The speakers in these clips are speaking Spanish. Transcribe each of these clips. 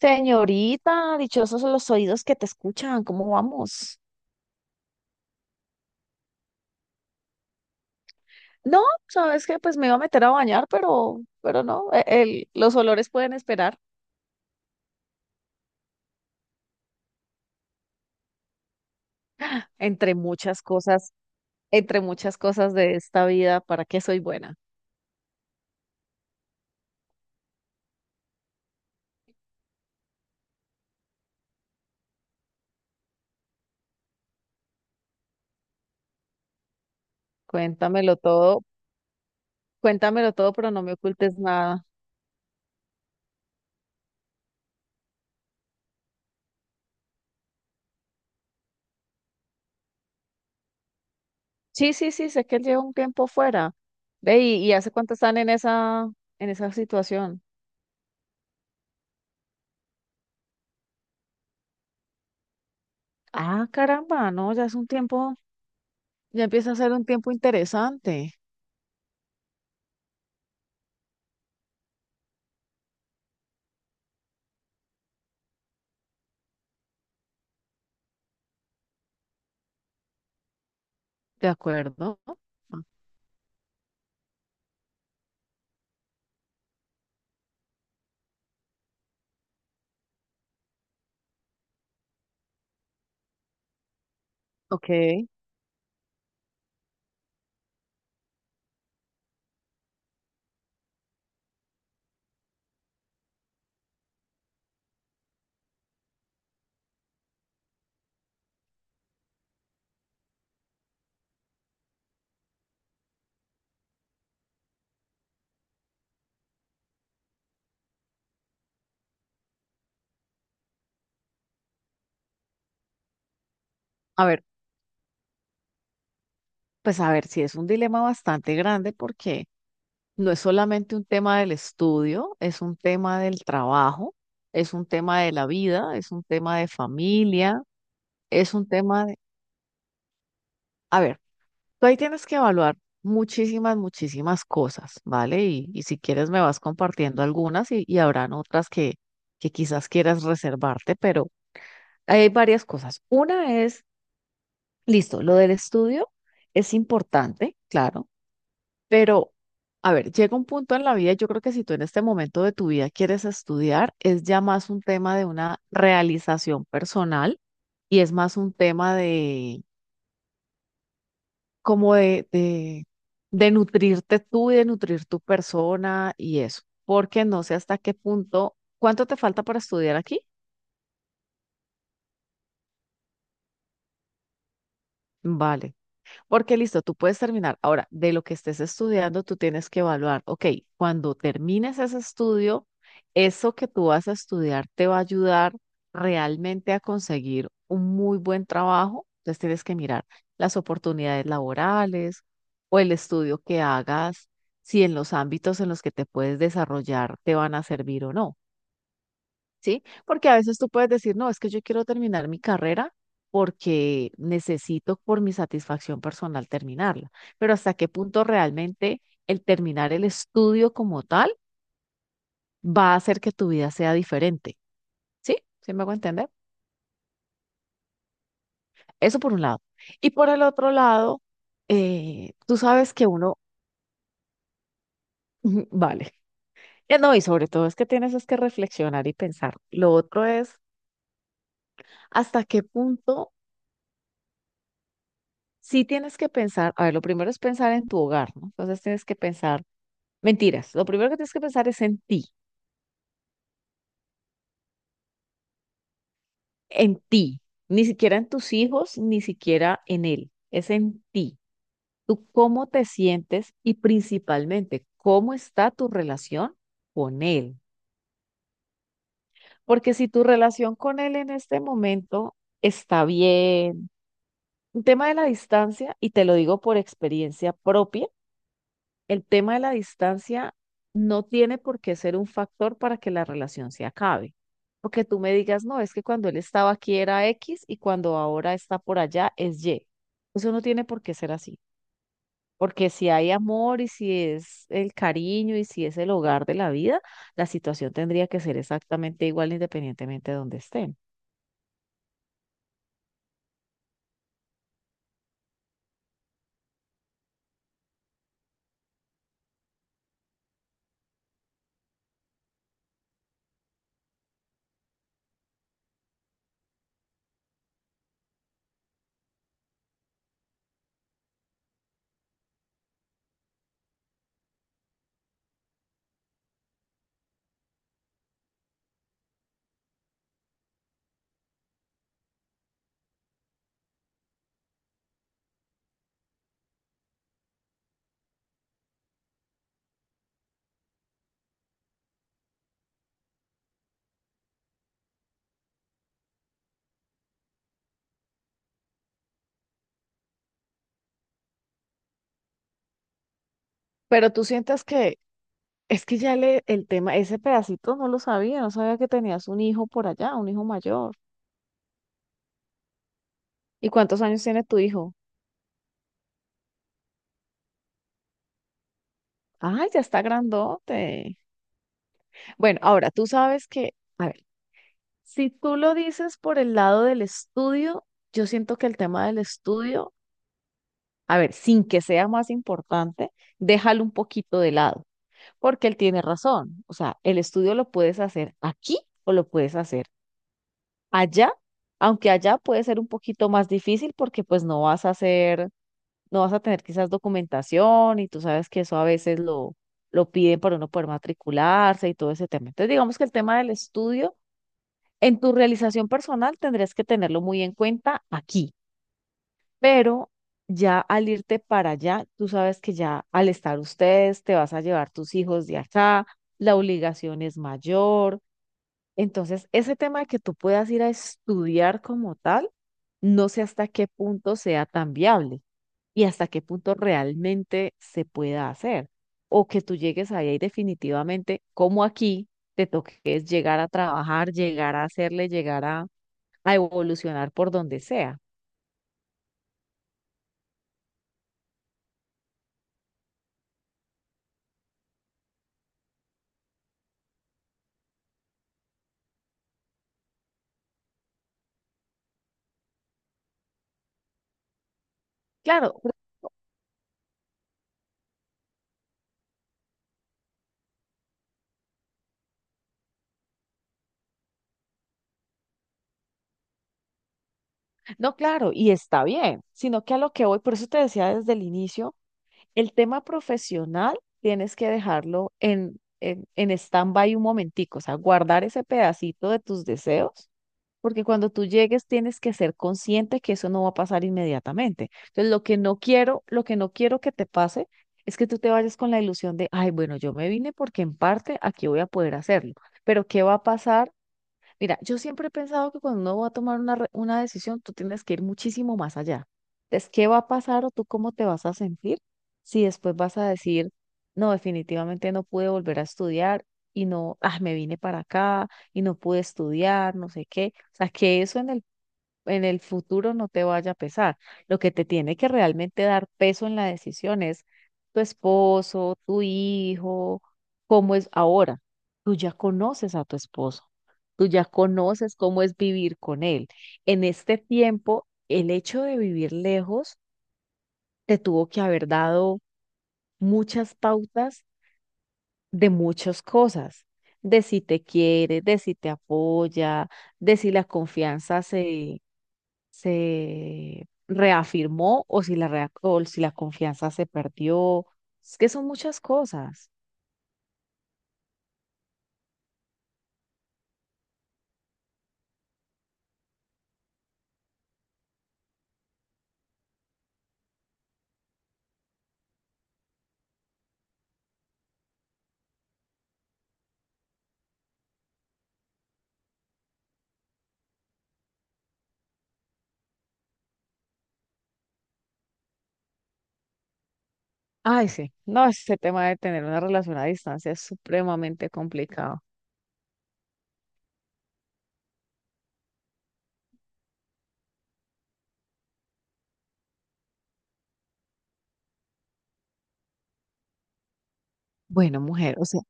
Señorita, dichosos los oídos que te escuchan, ¿cómo vamos? No, sabes que pues me iba a meter a bañar, pero no, los olores pueden esperar entre muchas cosas, entre muchas cosas de esta vida, ¿para qué soy buena? Cuéntamelo todo, cuéntamelo todo, pero no me ocultes nada. Sí, sí, sí, sé que él lleva un tiempo fuera. Ve, ¿y hace cuánto están en esa situación? Ah, caramba, no, ya es un tiempo, ya empieza a ser un tiempo interesante, ¿de acuerdo? Ok, a ver, pues a ver, si es un dilema bastante grande porque no es solamente un tema del estudio, es un tema del trabajo, es un tema de la vida, es un tema de familia, es un tema de... A ver, tú ahí tienes que evaluar muchísimas, muchísimas cosas, ¿vale? Y si quieres me vas compartiendo algunas y habrán otras que quizás quieras reservarte, pero hay varias cosas. Una es, listo, lo del estudio es importante, claro. Pero, a ver, llega un punto en la vida, yo creo que si tú en este momento de tu vida quieres estudiar, es ya más un tema de una realización personal y es más un tema de como de nutrirte tú y de nutrir tu persona y eso, porque no sé hasta qué punto, ¿cuánto te falta para estudiar aquí? Vale. Porque listo, tú puedes terminar. Ahora, de lo que estés estudiando, tú tienes que evaluar, ok, cuando termines ese estudio, eso que tú vas a estudiar te va a ayudar realmente a conseguir un muy buen trabajo. Entonces tienes que mirar las oportunidades laborales o el estudio que hagas, si en los ámbitos en los que te puedes desarrollar te van a servir o no. ¿Sí? Porque a veces tú puedes decir, no, es que yo quiero terminar mi carrera porque necesito por mi satisfacción personal terminarla, pero hasta qué punto realmente el terminar el estudio como tal va a hacer que tu vida sea diferente, ¿sí? ¿Sí me hago entender? Eso por un lado. Y por el otro lado, tú sabes que uno, vale, ya no, y sobre todo es que tienes es que reflexionar y pensar. Lo otro es, ¿hasta qué punto? Sí tienes que pensar, a ver, lo primero es pensar en tu hogar, ¿no? Entonces tienes que pensar, mentiras, lo primero que tienes que pensar es en ti, ni siquiera en tus hijos, ni siquiera en él, es en ti. Tú cómo te sientes y principalmente cómo está tu relación con él. Porque si tu relación con él en este momento está bien, un tema de la distancia, y te lo digo por experiencia propia, el tema de la distancia no tiene por qué ser un factor para que la relación se acabe. Porque tú me digas, no, es que cuando él estaba aquí era X y cuando ahora está por allá es Y. Eso no tiene por qué ser así. Porque si hay amor y si es el cariño y si es el hogar de la vida, la situación tendría que ser exactamente igual independientemente de donde estén. Pero tú sientas que es que ya le, el tema, ese pedacito no lo sabía, no sabía que tenías un hijo por allá, un hijo mayor. ¿Y cuántos años tiene tu hijo? Ay, ya está grandote. Bueno, ahora tú sabes que, a ver, si tú lo dices por el lado del estudio, yo siento que el tema del estudio, a ver, sin que sea más importante, déjalo un poquito de lado, porque él tiene razón. O sea, el estudio lo puedes hacer aquí o lo puedes hacer allá, aunque allá puede ser un poquito más difícil porque pues no vas a hacer, no vas a tener quizás documentación y tú sabes que eso a veces lo piden para uno poder matricularse y todo ese tema. Entonces, digamos que el tema del estudio en tu realización personal tendrías que tenerlo muy en cuenta aquí, pero ya al irte para allá, tú sabes que ya al estar ustedes te vas a llevar tus hijos de acá, la obligación es mayor. Entonces, ese tema de que tú puedas ir a estudiar como tal, no sé hasta qué punto sea tan viable y hasta qué punto realmente se pueda hacer. O que tú llegues ahí y definitivamente, como aquí, te toque es llegar a trabajar, llegar a hacerle, llegar a evolucionar por donde sea. Claro, no, claro, y está bien, sino que a lo que voy, por eso te decía desde el inicio, el tema profesional tienes que dejarlo en stand-by un momentico, o sea, guardar ese pedacito de tus deseos. Porque cuando tú llegues tienes que ser consciente que eso no va a pasar inmediatamente. Entonces, lo que no quiero, lo que no quiero que te pase es que tú te vayas con la ilusión de, ay, bueno, yo me vine porque en parte aquí voy a poder hacerlo, pero ¿qué va a pasar? Mira, yo siempre he pensado que cuando uno va a tomar una, una decisión, tú tienes que ir muchísimo más allá. Es qué va a pasar o tú cómo te vas a sentir si después vas a decir, no, definitivamente no pude volver a estudiar y no, ah, me vine para acá y no pude estudiar, no sé qué. O sea, que eso en el futuro no te vaya a pesar. Lo que te tiene que realmente dar peso en la decisión es tu esposo, tu hijo, cómo es ahora. Tú ya conoces a tu esposo, tú ya conoces cómo es vivir con él. En este tiempo, el hecho de vivir lejos te tuvo que haber dado muchas pautas de muchas cosas, de si te quiere, de si te apoya, de si la confianza se se reafirmó o si la, o si la confianza se perdió. Es que son muchas cosas. Ay, sí, no, ese tema de tener una relación a distancia es supremamente complicado. Bueno, mujer, o sea,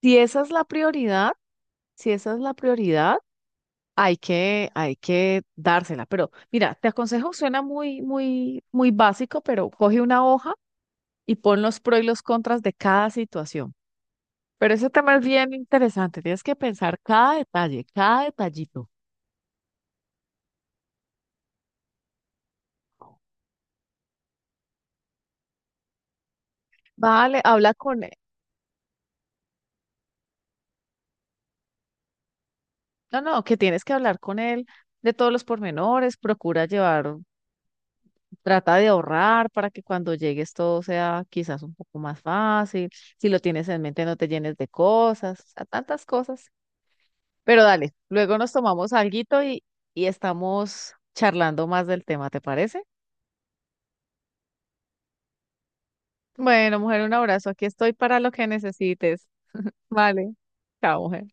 si esa es la prioridad, si esa es la prioridad, hay que dársela. Pero mira, te aconsejo, suena muy, muy, muy básico, pero coge una hoja y pon los pros y los contras de cada situación. Pero ese tema es bien interesante, tienes que pensar cada detalle, cada detallito. Vale, habla con él. No, no, que tienes que hablar con él de todos los pormenores, procura llevar, trata de ahorrar para que cuando llegues todo sea quizás un poco más fácil. Si lo tienes en mente, no te llenes de cosas, o sea, tantas cosas. Pero dale, luego nos tomamos alguito y estamos charlando más del tema, ¿te parece? Bueno, mujer, un abrazo. Aquí estoy para lo que necesites. Vale, chao, mujer.